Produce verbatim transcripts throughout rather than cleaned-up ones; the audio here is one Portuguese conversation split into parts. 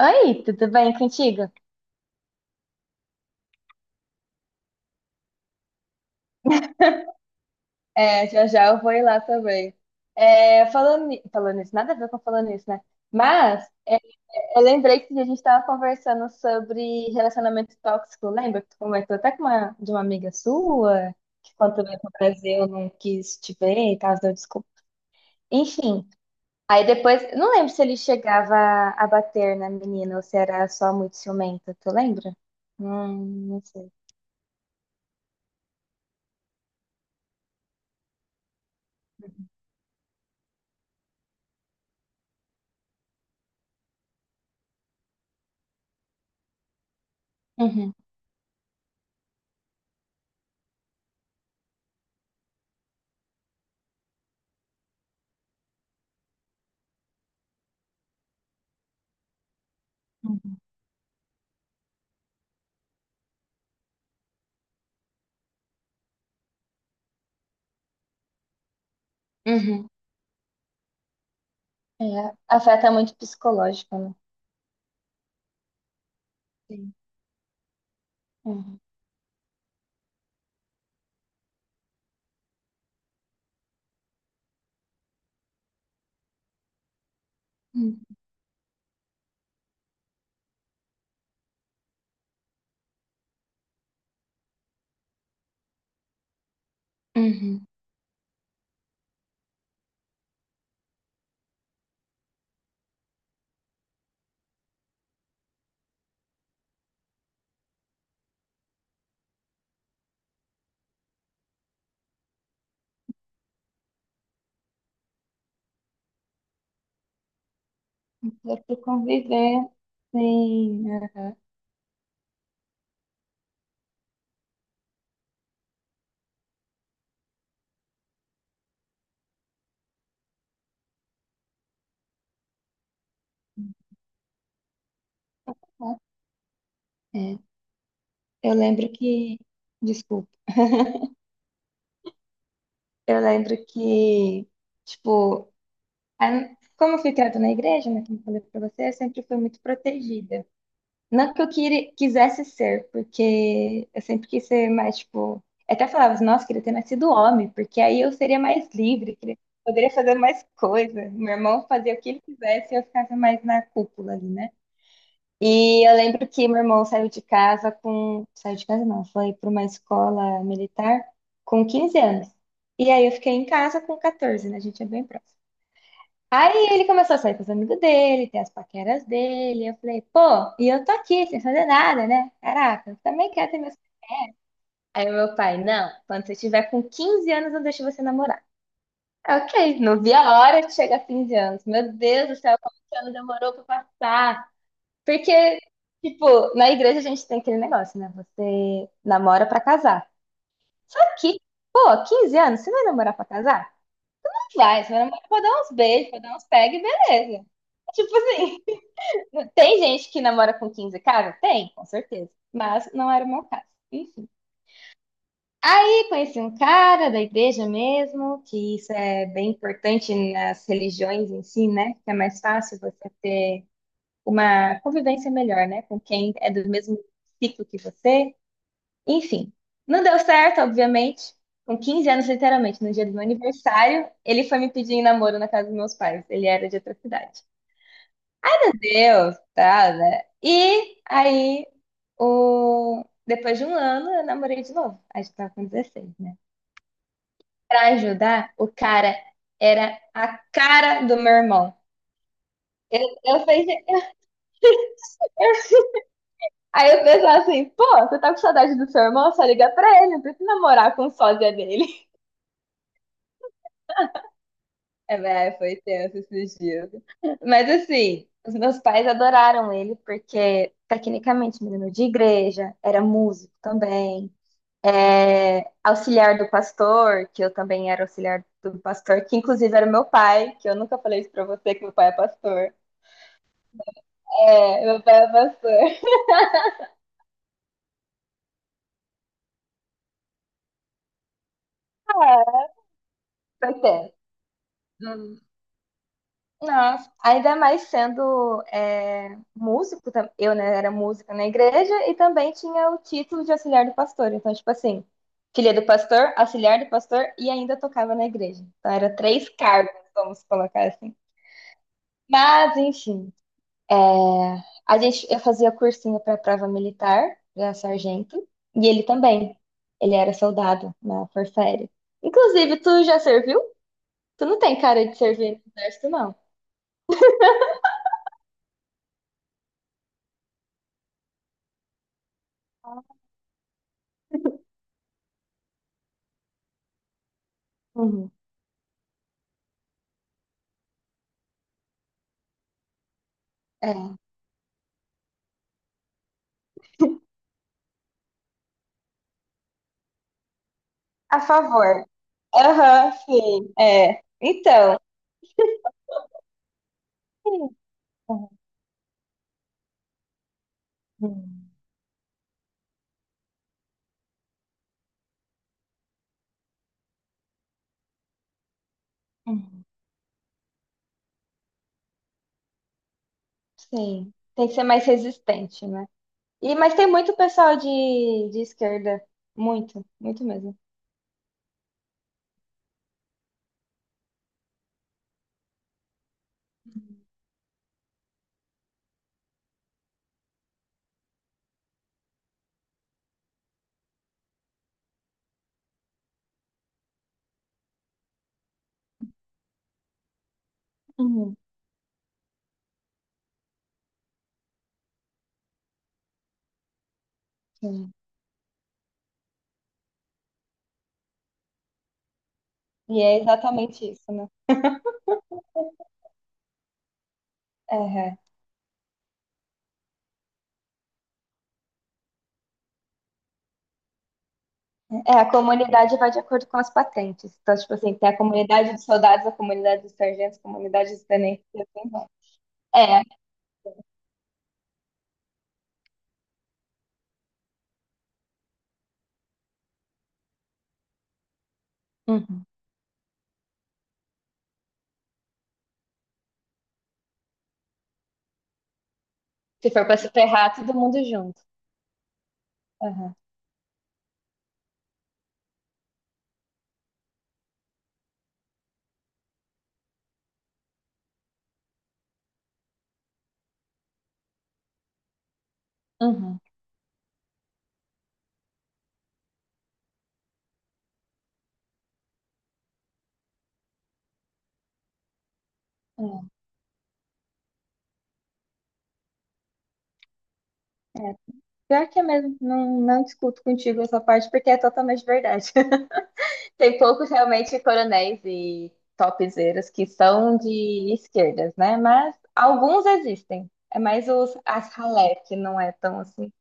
Oi, tudo bem contigo? É, já já eu vou ir lá também. É, falando, ni- falando nisso, nada a ver com falando nisso, né? Mas eu lembrei que a gente estava conversando sobre relacionamento tóxico. Lembra que tu comentou até com uma, de uma amiga sua, que quando veio pro Brasil não quis te ver e tal, deu desculpa. Enfim, aí depois, não lembro se ele chegava a bater na menina ou se era só muito ciumento, tu lembra? Não, não sei. Uhum. Uhum. Uhum. É, afeta muito o psicológico, né? Sim. Uhum. Uhum. Uhum. Dá para conviver, sim, aham. É. Eu lembro que. Desculpa. Eu lembro que, tipo, a- como eu fui criada na igreja, né, como eu falei pra você, eu sempre fui muito protegida. Não que eu quire- quisesse ser, porque eu sempre quis ser mais, tipo. Eu até falava assim, nossa, queria ter nascido homem, porque aí eu seria mais livre, queria- poderia fazer mais coisa. Meu irmão fazia o que ele quisesse e eu ficava mais na cúpula ali, né? E eu lembro que meu irmão saiu de casa com. Saiu de casa não, foi para uma escola militar com quinze anos. E aí eu fiquei em casa com quatorze, né? A gente é bem próximo. Aí ele começou a sair com os amigos dele, ter as paqueras dele. Eu falei, pô, e eu tô aqui sem fazer nada, né? Caraca, eu também quero ter meus. Aí o meu pai, não, quando você tiver com quinze anos, eu deixo você namorar. Eu, Ok, não vi a hora de chegar a quinze anos. Meu Deus do céu, como esse ano demorou pra passar. Porque, tipo, na igreja a gente tem aquele negócio, né? Você namora pra casar. Só que, pô, quinze anos, você vai namorar pra casar? Não vai, você vai namorar pra dar uns beijos, pra dar uns pegue, beleza. Tipo assim. Tem gente que namora com quinze, caras? Tem, com certeza. Mas não era o meu caso. Enfim. Aí conheci um cara da igreja mesmo, que isso é bem importante nas religiões em si, né? Que é mais fácil você ter uma convivência melhor, né? Com quem é do mesmo ciclo que você. Enfim. Não deu certo, obviamente. Com quinze anos, literalmente, no dia do meu aniversário, ele foi me pedir em namoro na casa dos meus pais. Ele era de outra cidade. Deus, tá, né? E aí, o... depois de um ano, eu namorei de novo. A gente tava com dezesseis, né? Pra ajudar, o cara era a cara do meu irmão. Eu, eu falei, Aí eu pensava assim, pô, você tá com saudade do seu irmão? Só liga pra ele, não precisa namorar com o sósia dele. É, mas foi tenso esses dias. Mas assim, os meus pais adoraram ele, porque tecnicamente menino de igreja, era músico também. É, auxiliar do pastor, que eu também era auxiliar do pastor, que inclusive era meu pai, que eu nunca falei isso pra você, que meu pai é pastor. É, meu pai é pastor. Ah, acontece. Hum. Nossa, ainda mais sendo é, músico, tam- eu né, era música na igreja e também tinha o título de auxiliar do pastor. Então, tipo assim, filha do pastor, auxiliar do pastor e ainda tocava na igreja. Então, era três cargos, vamos colocar assim. Mas, enfim. É, A gente, eu fazia cursinho para prova militar, para sargento, e ele também. Ele era soldado na Força Aérea. Inclusive, tu já serviu? Tu não tem cara de servir no exército, não. Uhum. É. A favor. Aham, sim. É. Então. Sim. Uhum. Uhum. Sim. Tem que ser mais resistente, né? E, mas tem muito pessoal de, de esquerda. Muito, muito mesmo. Uhum. Sim. E é exatamente isso, né? É, a comunidade vai de acordo com as patentes. Então, tipo assim, tem a comunidade dos soldados, a comunidade dos sargentos, a comunidade dos tenentes, e assim vai. É, uhum. Se for pra se ferrar, todo mundo junto. Aham, uhum. É, é. Pior que é mesmo, não, não discuto contigo essa parte, porque é totalmente verdade. Tem poucos realmente coronéis e topzeiros que são de esquerdas, né? Mas alguns existem. É mais os, as ralé que não é tão assim.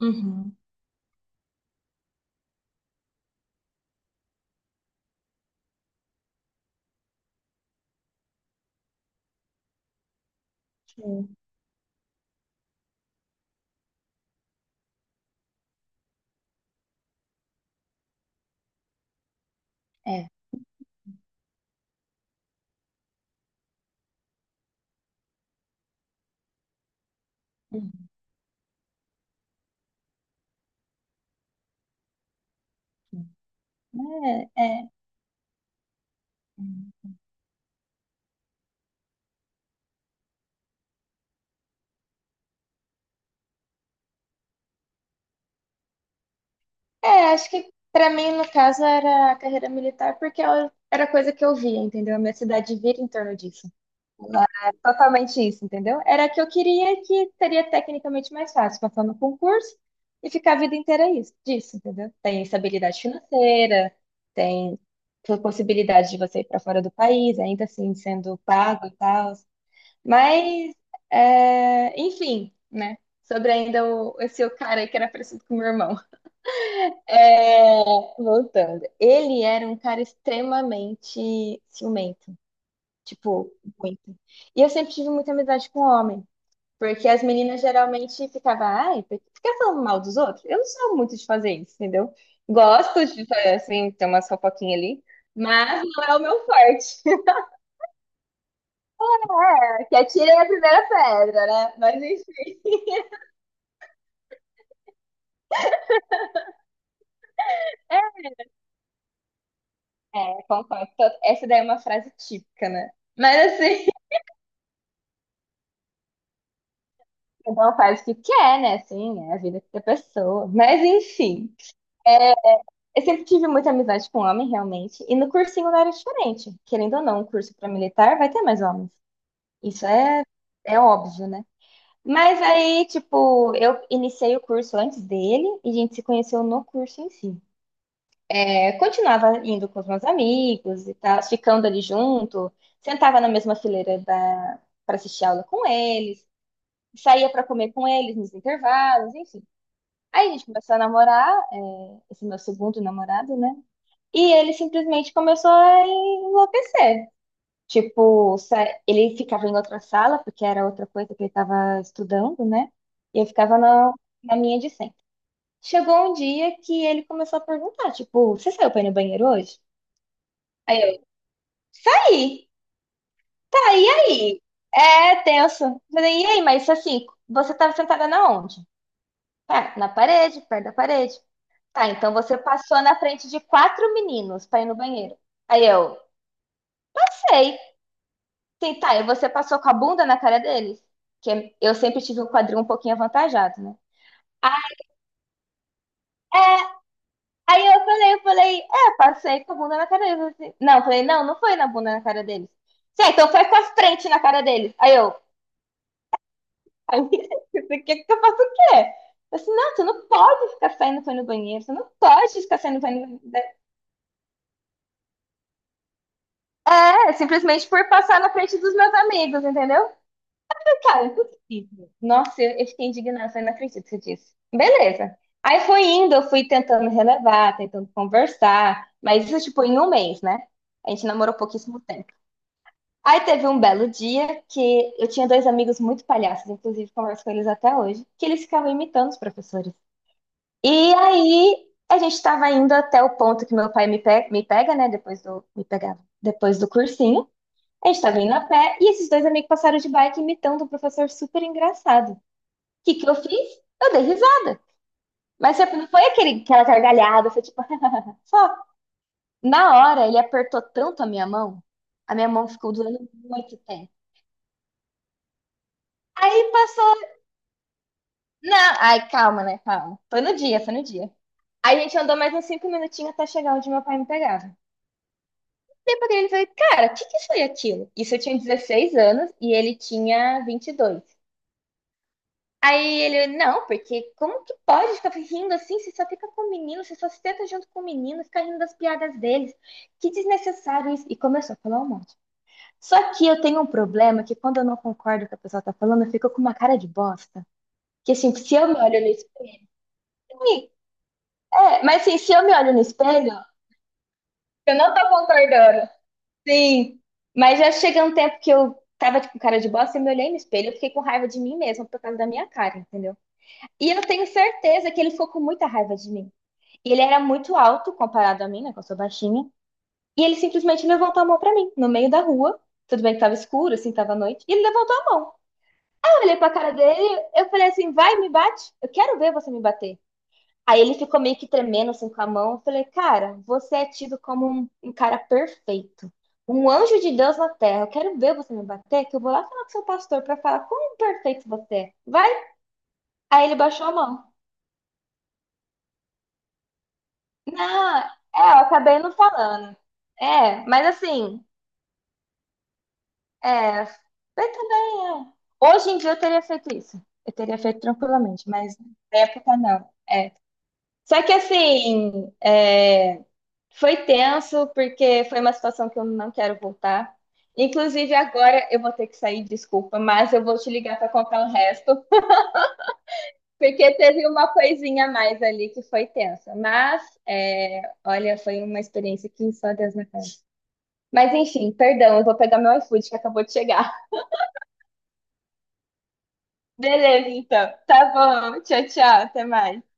Uhum. Sim. É. Uhum. É, é. É, acho que pra mim, no caso, era a carreira militar, porque ela era a coisa que eu via, entendeu? A minha cidade vira em torno disso. Totalmente isso, entendeu? Era a que eu queria e que seria tecnicamente mais fácil, passar no concurso e ficar a vida inteira isso, disso, entendeu? Tem estabilidade financeira, tem possibilidade de você ir para fora do país, ainda assim sendo pago e tal. Mas, é, enfim, né? Sobre ainda o, esse o cara aí que era parecido com o meu irmão. Voltando. Ele era um cara extremamente ciumento. Tipo, muito. E eu sempre tive muita amizade com homem. Porque as meninas geralmente ficavam, ai, por que fica falando mal dos outros? Eu não sou muito de fazer isso, entendeu? Gosto de, assim, ter umas fofoquinhas ali, mas não é o meu forte. É, que atirem a primeira pedra, né? Mas enfim. É, concordo. Então, essa daí é uma frase típica, né? Mas assim, então faz o que quer, né? Assim, é a vida da pessoa. Mas enfim. Eu sempre tive muita amizade com homem, realmente. E no cursinho não era diferente. Querendo ou não, um curso para militar vai ter mais homens. Isso é, é óbvio, né? Mas aí, tipo, eu iniciei o curso antes dele e a gente se conheceu no curso em si. É, continuava indo com os meus amigos e tal, ficando ali junto, sentava na mesma fileira da... para assistir aula com eles, saía para comer com eles nos intervalos, enfim. Aí a gente começou a namorar, é, esse meu segundo namorado, né? E ele simplesmente começou a enlouquecer. Tipo, sa- ele ficava em outra sala, porque era outra coisa que ele estava estudando, né? E eu ficava na, na minha de sempre. Chegou um dia que ele começou a perguntar, tipo, você saiu pra ir no banheiro hoje? Aí eu, saí, tá, e aí? É tenso. Eu falei, e aí, mas assim, você estava sentada na onde? Tá, na parede, perto da parede. Tá, então você passou na frente de quatro meninos pra ir no banheiro. Aí eu, sei. Sim, tá. E você passou com a bunda na cara deles? Que eu sempre tive um quadril um pouquinho avantajado, né? Aí eu falei, eu falei, é, passei com a bunda na cara deles, assim. Não, eu falei, não, não foi na bunda na cara deles. Sim, então foi com a frente na cara deles. Aí eu, aí, o que que eu faço o quê? Eu assim, não, tu não pode ficar saindo foi no banheiro, tu não pode ficar saindo foi no banheiro. É, simplesmente por passar na frente dos meus amigos, entendeu? Cara, não é possível. Nossa, eu, eu fiquei indignada, eu falei, não acredito que você disse. Beleza. Aí foi indo, eu fui tentando relevar, tentando conversar, mas isso, tipo, em um mês, né? A gente namorou pouquíssimo tempo. Aí teve um belo dia que eu tinha dois amigos muito palhaços, inclusive converso com eles até hoje, que eles ficavam imitando os professores. E aí a gente estava indo até o ponto que meu pai me pega, me pega, né? Depois do, me pegava, depois do cursinho. A gente estava indo a pé e esses dois amigos passaram de bike imitando um professor super engraçado que, que eu fiz? Eu dei risada. Mas tipo, não foi aquele, aquela gargalhada, foi tipo, só. Na hora, ele apertou tanto a minha mão, a minha mão ficou doendo muito tempo. Aí passou. Não, ai, calma, né? Calma. Foi no dia, foi no dia. Aí a gente andou mais uns cinco minutinhos até chegar onde meu pai me pegava. Depois ele falou, cara, o que que foi aquilo? Isso eu tinha dezesseis anos e ele tinha vinte e dois. Aí ele, não, porque como que pode ficar rindo assim? Você só fica com o menino, você só se tenta junto com o menino, fica rindo das piadas deles. Que desnecessário isso. E começou a falar um monte. Só que eu tenho um problema que quando eu não concordo com o que a pessoa tá falando, eu fico com uma cara de bosta. Que assim, se eu me olho no espelho. É, mas assim, se eu me olho no espelho, eu não tô concordando. Sim. Mas já chega um tempo que eu tava tipo, com cara de bosta, eu me olhei no espelho, eu fiquei com raiva de mim mesma por causa da minha cara, entendeu? E eu tenho certeza que ele ficou com muita raiva de mim. E ele era muito alto comparado a mim, né? Que eu sou baixinha. E ele simplesmente levantou a mão pra mim, no meio da rua. Tudo bem que tava escuro, assim, tava à noite. E ele levantou a mão. Eu olhei pra cara dele, eu falei assim: vai, me bate. Eu quero ver você me bater. Aí ele ficou meio que tremendo, assim, com a mão. Eu falei: cara, você é tido como um, um cara perfeito. Um anjo de Deus na terra. Eu quero ver você me bater, que eu vou lá falar com seu pastor pra falar como perfeito você é. Vai. Aí ele baixou a mão. Não, é, eu acabei não falando. É, mas assim, é, mas também é. Hoje em dia eu teria feito isso. Eu teria feito tranquilamente, mas na época não. Só que assim, é, foi tenso porque foi uma situação que eu não quero voltar. Inclusive agora eu vou ter que sair, desculpa, mas eu vou te ligar para contar o resto, porque teve uma coisinha a mais ali que foi tensa. Mas é, olha, foi uma experiência que só Deus na cara. Mas enfim, perdão, eu vou pegar meu iFood que acabou de chegar. Beleza, então. Tá bom. Tchau, tchau. Até mais.